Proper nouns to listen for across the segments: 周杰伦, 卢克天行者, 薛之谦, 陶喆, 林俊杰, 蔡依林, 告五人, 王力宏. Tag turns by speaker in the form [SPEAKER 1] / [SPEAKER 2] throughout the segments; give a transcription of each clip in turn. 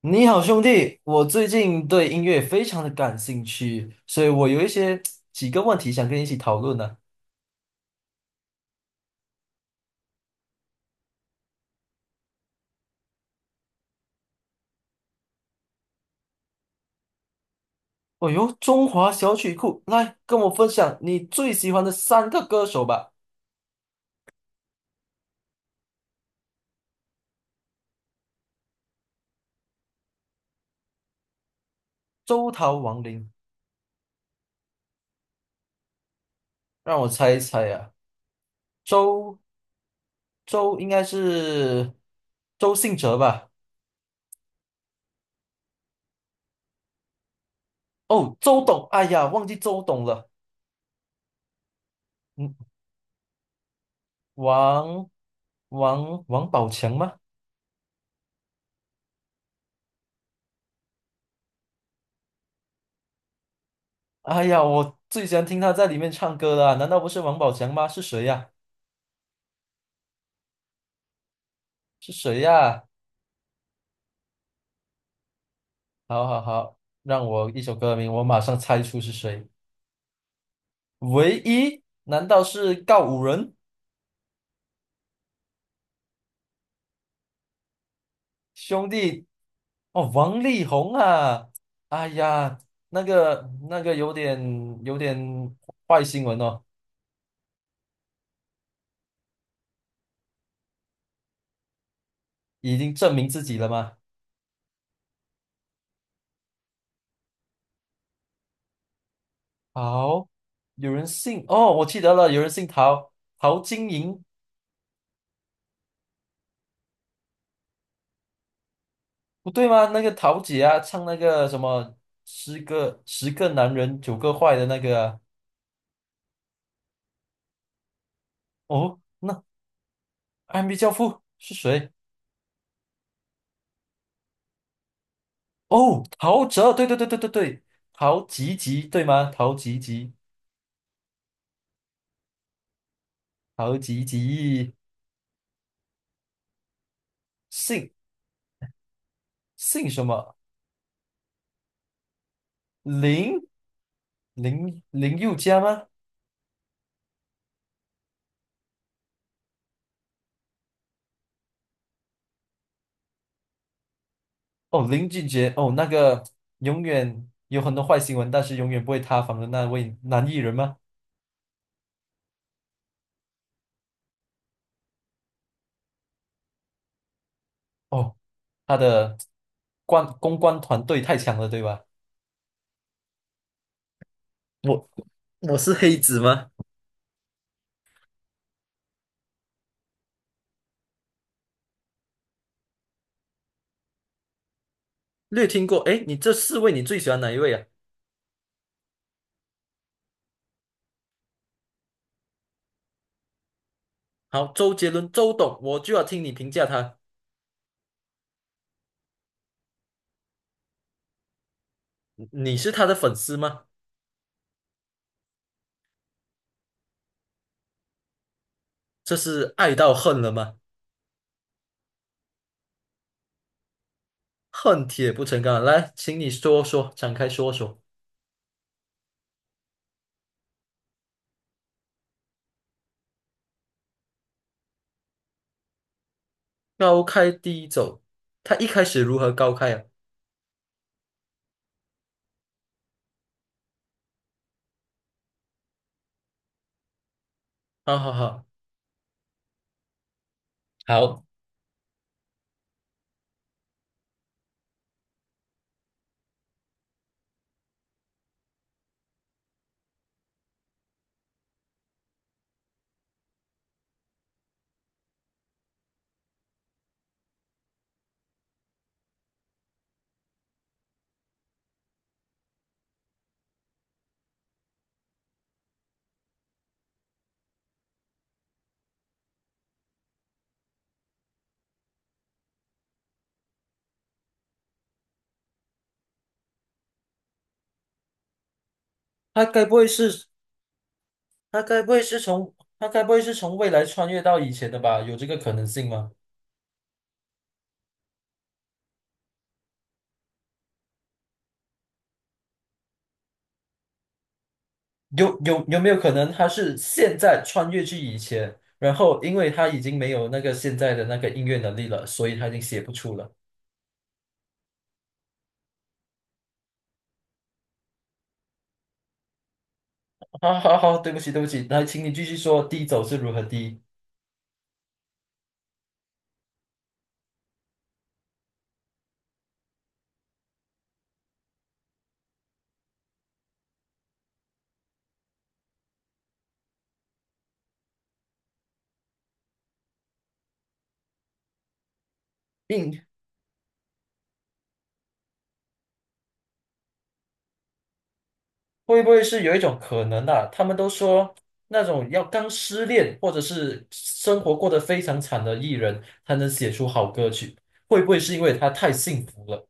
[SPEAKER 1] 你好，兄弟，我最近对音乐非常的感兴趣，所以我有几个问题想跟你一起讨论呢。哦哟，中华小曲库，来跟我分享你最喜欢的三个歌手吧。周桃、王琳，让我猜一猜呀，周周应该是周信哲吧？哦，周董，哎呀，忘记周董了。嗯，王王宝强吗？哎呀，我最喜欢听他在里面唱歌了啊，难道不是王宝强吗？是谁呀？是谁呀？好好好，让我一首歌名，我马上猜出是谁。唯一？难道是告五人兄弟？哦，王力宏啊！哎呀，那个有点坏新闻哦。已经证明自己了吗？好，有人姓哦，我记得了，有人姓陶，陶晶莹不对吗？那个陶姐啊，唱那个什么十个男人九个坏的那个啊。哦。那暗壁教父是谁？哦，陶喆，对对对对对对，陶吉吉对吗？陶吉吉，陶吉吉，姓姓什么？林林宥嘉吗？哦，林俊杰，哦，那个永远有很多坏新闻，但是永远不会塌房的那位男艺人吗？哦，他的公关团队太强了，对吧？我我是黑子吗？略听过，哎，你这四位你最喜欢哪一位啊？好，周杰伦，周董，我就要听你评价他。你是他的粉丝吗？这是爱到恨了吗？恨铁不成钢。来，请你说说，展开说说。高开低走，他一开始如何高开啊？好好好，好，他该不会是他该不会是从他该不会是从未来穿越到以前的吧？有这个可能性吗？有没有可能他是现在穿越去以前，然后因为他已经没有那个现在的那个音乐能力了，所以他已经写不出了。好好好，对不起对不起，来，请你继续说，低走是如何低？应会不会是有一种可能啊？他们都说那种要刚失恋或者是生活过得非常惨的艺人，才能写出好歌曲。会不会是因为他太幸福了？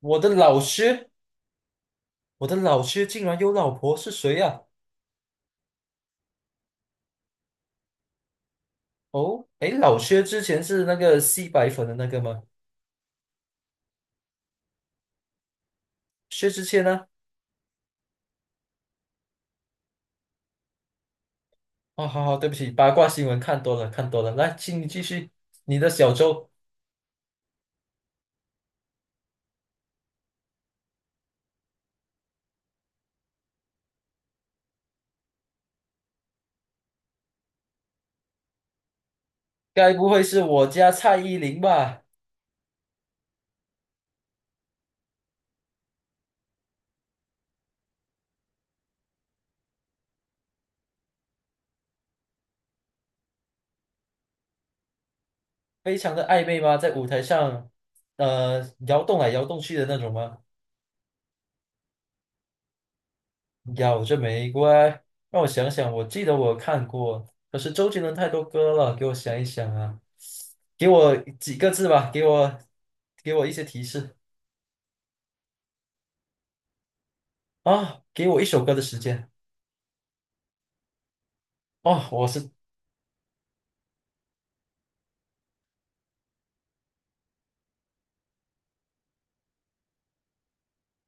[SPEAKER 1] 我的老薛。我的老薛竟然有老婆，是谁呀？哦，诶，老薛之前是那个吸白粉的那个吗？薛之谦呢？哦，好好，对不起，八卦新闻看多了，看多了。来，请你继续你的小周，该不会是我家蔡依林吧？非常的暧昧吗？在舞台上，呃，摇动来摇动去的那种吗？咬着玫瑰，让我想想，我记得我看过，可是周杰伦太多歌了，给我想一想啊，给我几个字吧，给我一些提示啊，给我一首歌的时间哦，我是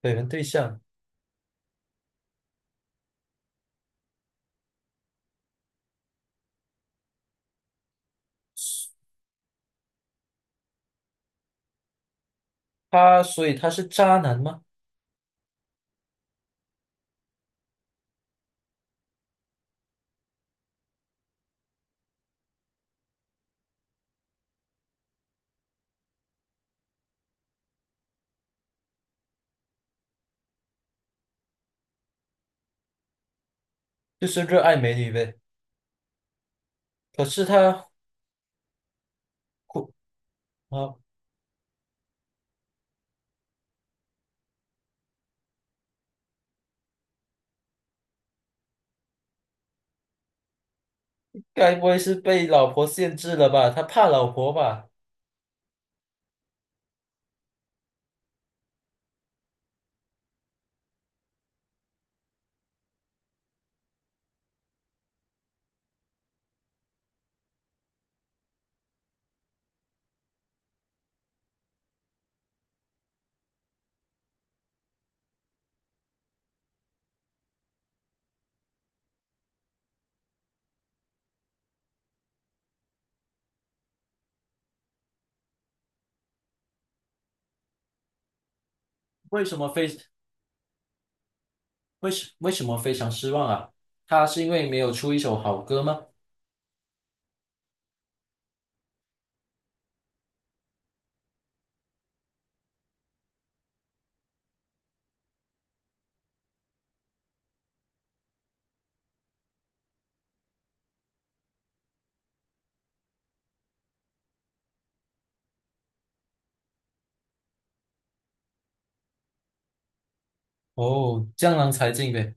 [SPEAKER 1] 绯闻对象，所以他是渣男吗？就是热爱美女呗，可是他哭啊，该不会是被老婆限制了吧？他怕老婆吧？为什么非？为什么非常失望啊？他是因为没有出一首好歌吗？哦，江郎才尽呗。